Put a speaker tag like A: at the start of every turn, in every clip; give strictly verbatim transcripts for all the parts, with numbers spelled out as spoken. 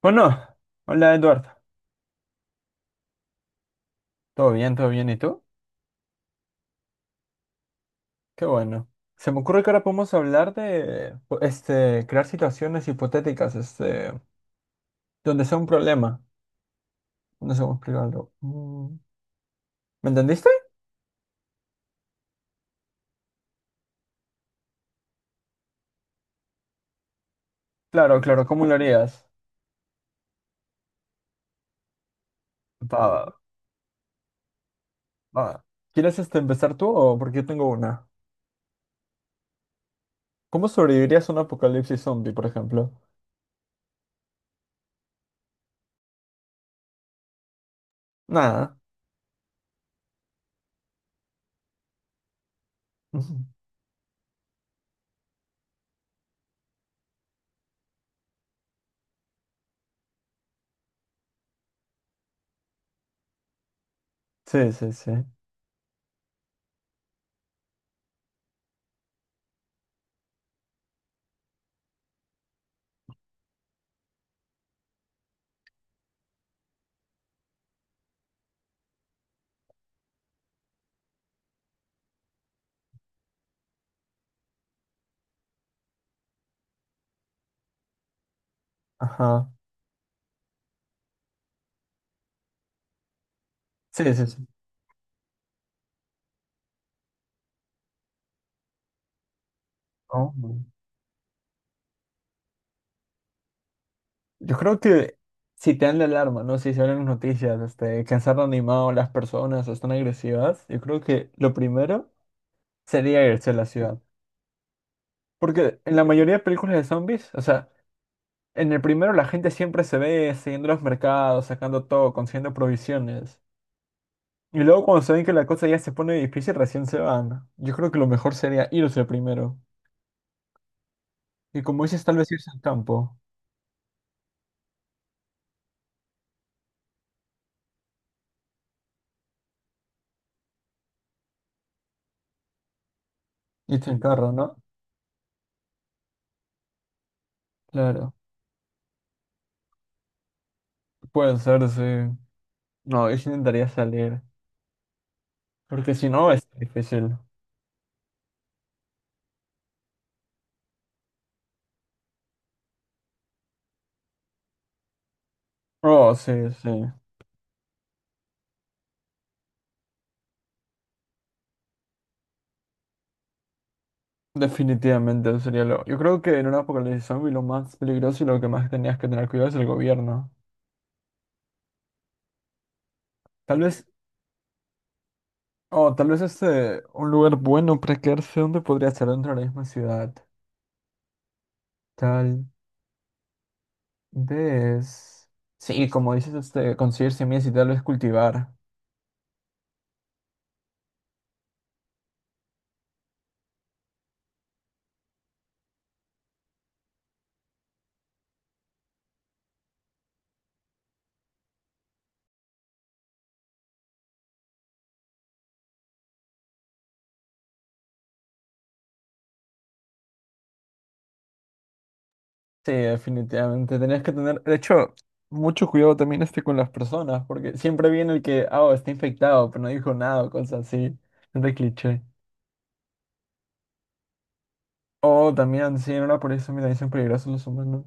A: Bueno, hola Eduardo. ¿Todo bien? ¿Todo bien? ¿Y tú? Qué bueno. Se me ocurre que ahora podemos hablar de po- este, crear situaciones hipotéticas, este, donde sea un problema. No sé cómo explicarlo. Mm, ¿Me entendiste? Claro, claro, ¿cómo lo harías? Va, va. ¿Quieres este, empezar tú o porque yo tengo una? ¿Cómo sobrevivirías a un apocalipsis zombie, por ejemplo? Nada. Ujú. Sí, sí, sí. Ajá. Sí, sí, sí. Oh, no. Yo creo que si te dan la alarma, ¿no? Si salen noticias, este, que han animado las personas o están agresivas, yo creo que lo primero sería irse a la ciudad. Porque en la mayoría de películas de zombies, o sea, en el primero la gente siempre se ve siguiendo los mercados, sacando todo, consiguiendo provisiones. Y luego cuando se ven que la cosa ya se pone difícil, recién se van. Yo creo que lo mejor sería irse primero. Y como dices, tal vez irse al campo, irse en carro, ¿no? Claro. Puede ser, sí. No, yo sí intentaría salir. Porque si no, es difícil. Oh, sí, sí. Definitivamente sería lo. Yo creo que en una apocalipsis zombie lo más peligroso y lo que más tenías que tener cuidado es el gobierno. Tal vez. Oh, tal vez este. Un lugar bueno para quedarse donde podría ser dentro de la misma ciudad. Tal vez. Sí, como dices, este, conseguir semillas y tal vez cultivar. Sí, definitivamente. Tenías que tener. De hecho, mucho cuidado también este con las personas, porque siempre viene el que, ah, oh, está infectado, pero no dijo nada o cosas así. Es de cliché. Oh, también, sí, ahora por eso, mira, dicen peligrosos los humanos.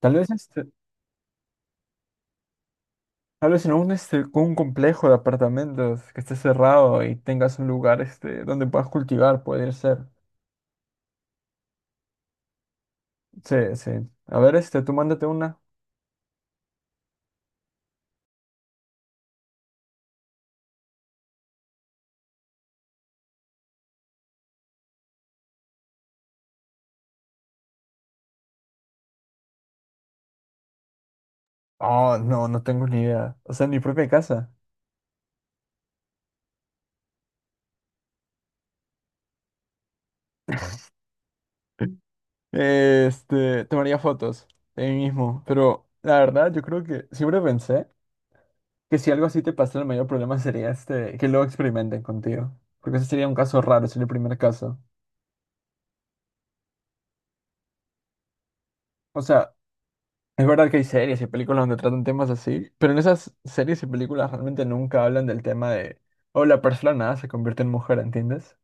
A: Tal vez este, tal vez en un, este, un complejo de apartamentos que esté cerrado y tengas un lugar este, donde puedas cultivar, puede ser. Sí, sí. A ver, este, tú mándate una. Oh, no, no tengo ni idea. O sea, en mi propia casa. Este, tomaría fotos de mí mismo. Pero la verdad, yo creo que siempre pensé que si algo así te pasa, el mayor problema sería este, que luego experimenten contigo. Porque ese sería un caso raro, sería el primer caso. O sea, es verdad que hay series y películas donde tratan temas así, pero en esas series y películas realmente nunca hablan del tema de, oh, la persona se convierte en mujer, ¿entiendes?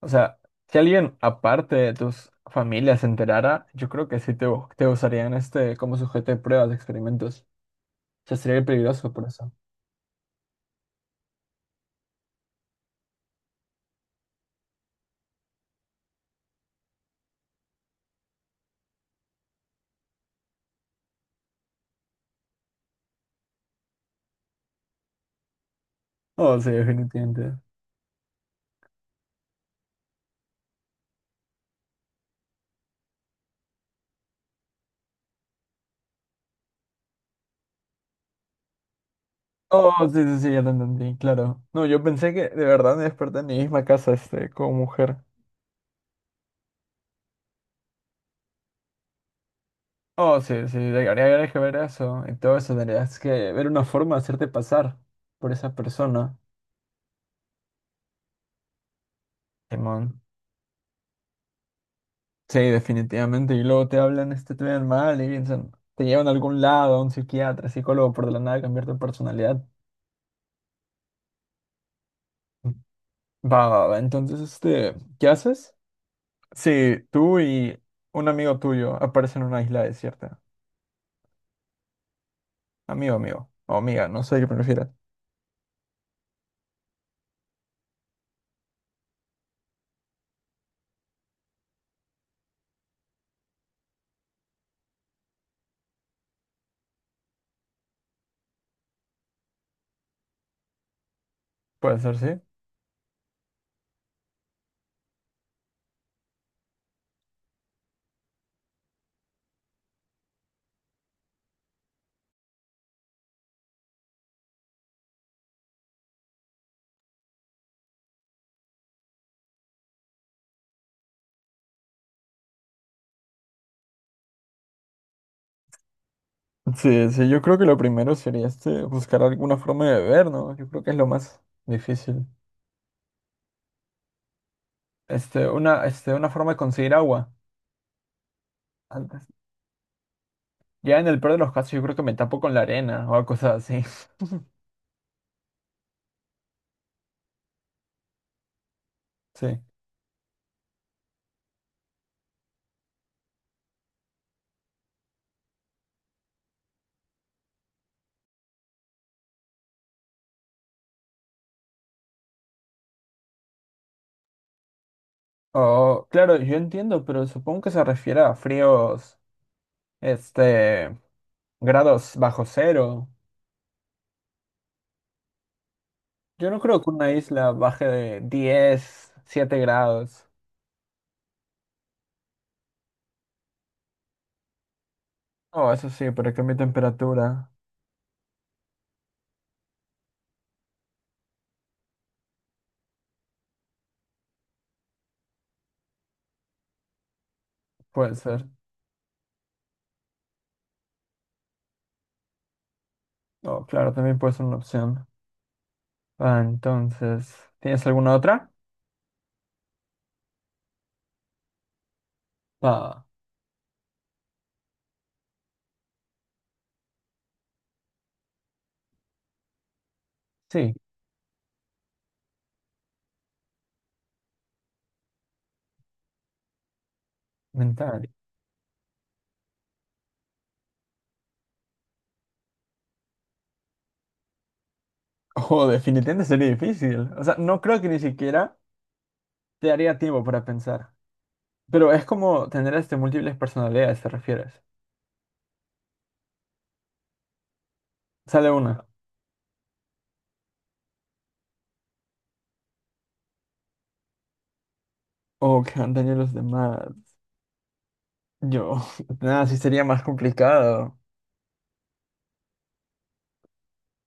A: O sea, si alguien aparte de tus familias se enterara, yo creo que sí te, u- te usarían este como sujeto de pruebas, de experimentos. O sea, sería peligroso por eso. Oh, sí, definitivamente. Oh, sí, sí, sí, ya te entendí, claro. No, yo pensé que de verdad me desperté en mi misma casa, este, como mujer. Oh, sí, sí, de- habría habría que ver eso y todo eso, tendrías que ver una forma de hacerte pasar por esa persona. Simón. Sí, definitivamente, y luego te hablan este te ven mal y piensan, te llevan a algún lado, a un psiquiatra, psicólogo, por de la nada cambiar tu personalidad. Va, va, va, entonces, este, ¿qué haces? Sí tú y un amigo tuyo aparecen en una isla desierta, amigo, amigo, o amiga, no sé qué prefieras. Puede ser, sí. Sí, sí, yo creo que lo primero sería este, buscar alguna forma de beber, ¿no? Yo creo que es lo más difícil. Este, una, este, una forma de conseguir agua. Antes. Ya en el peor de los casos, yo creo que me tapo con la arena o cosas así. Sí. O, claro, yo entiendo, pero supongo que se refiere a fríos, este, grados bajo cero. Yo no creo que una isla baje de diez, siete grados. Oh, eso sí, pero que mi temperatura puede ser. Oh, claro, también puede ser una opción. Ah, entonces, ¿tienes alguna otra? Ah, sí, mental. Oh, definitivamente sería difícil. O sea, no creo que ni siquiera te daría tiempo para pensar. Pero es como tener este múltiples personalidades, ¿te refieres? Sale una. Oh, que han tenido los demás. Yo, nada, sí sería más complicado.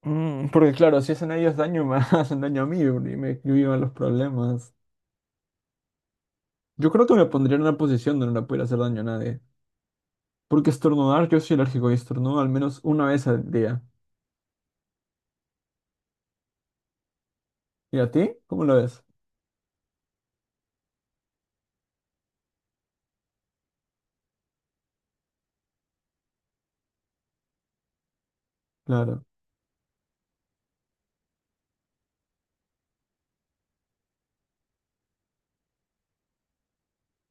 A: Mm, porque claro, si hacen a ellos daño, me hacen daño a mí y me yo los problemas. Yo creo que me pondría en una posición donde no le pudiera hacer daño a nadie. Porque estornudar, yo soy alérgico y estornudo al menos una vez al día. ¿Y a ti? ¿Cómo lo ves? Claro.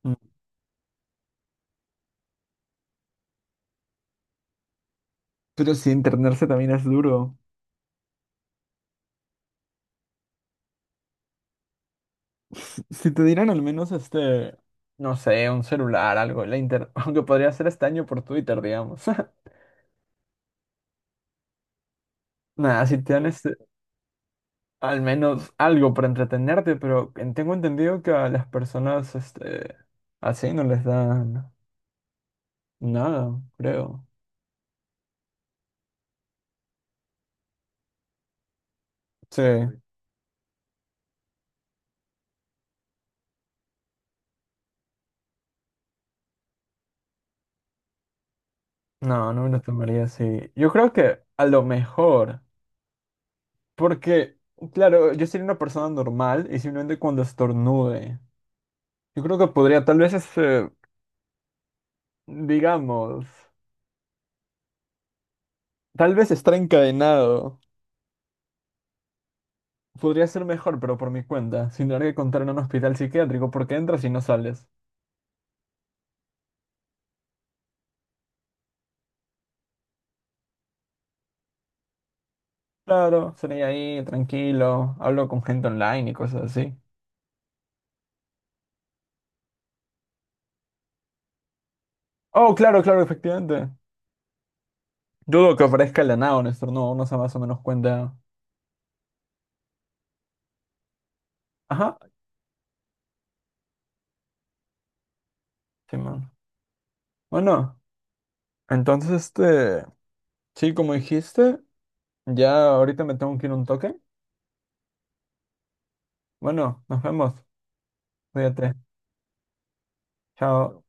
A: Mm. Pero si internarse también es duro. Si si te dieran al menos este, no sé, un celular, algo, la inter... aunque podría ser este año por Twitter, digamos. Nada, si te dan este, al menos algo para entretenerte, pero en- tengo entendido que a las personas este, así no les dan nada, creo. Sí, no, no me lo tomaría así. Yo creo que a lo mejor, porque, claro, yo sería una persona normal y simplemente cuando estornude. Yo creo que podría, tal vez, este, digamos, tal vez estar encadenado. Podría ser mejor, pero por mi cuenta, sin tener que contar en un hospital psiquiátrico porque entras y no sales. Claro, sería ahí, tranquilo, hablo con gente online y cosas así. Oh, claro, claro, efectivamente. Dudo que aparezca el nada, honesto, no, uno se más o menos cuenta. Ajá, sí, man. Bueno, entonces, este, sí, como dijiste, ya ahorita me tengo que ir un toque. Bueno, nos vemos. Cuídate. Chao.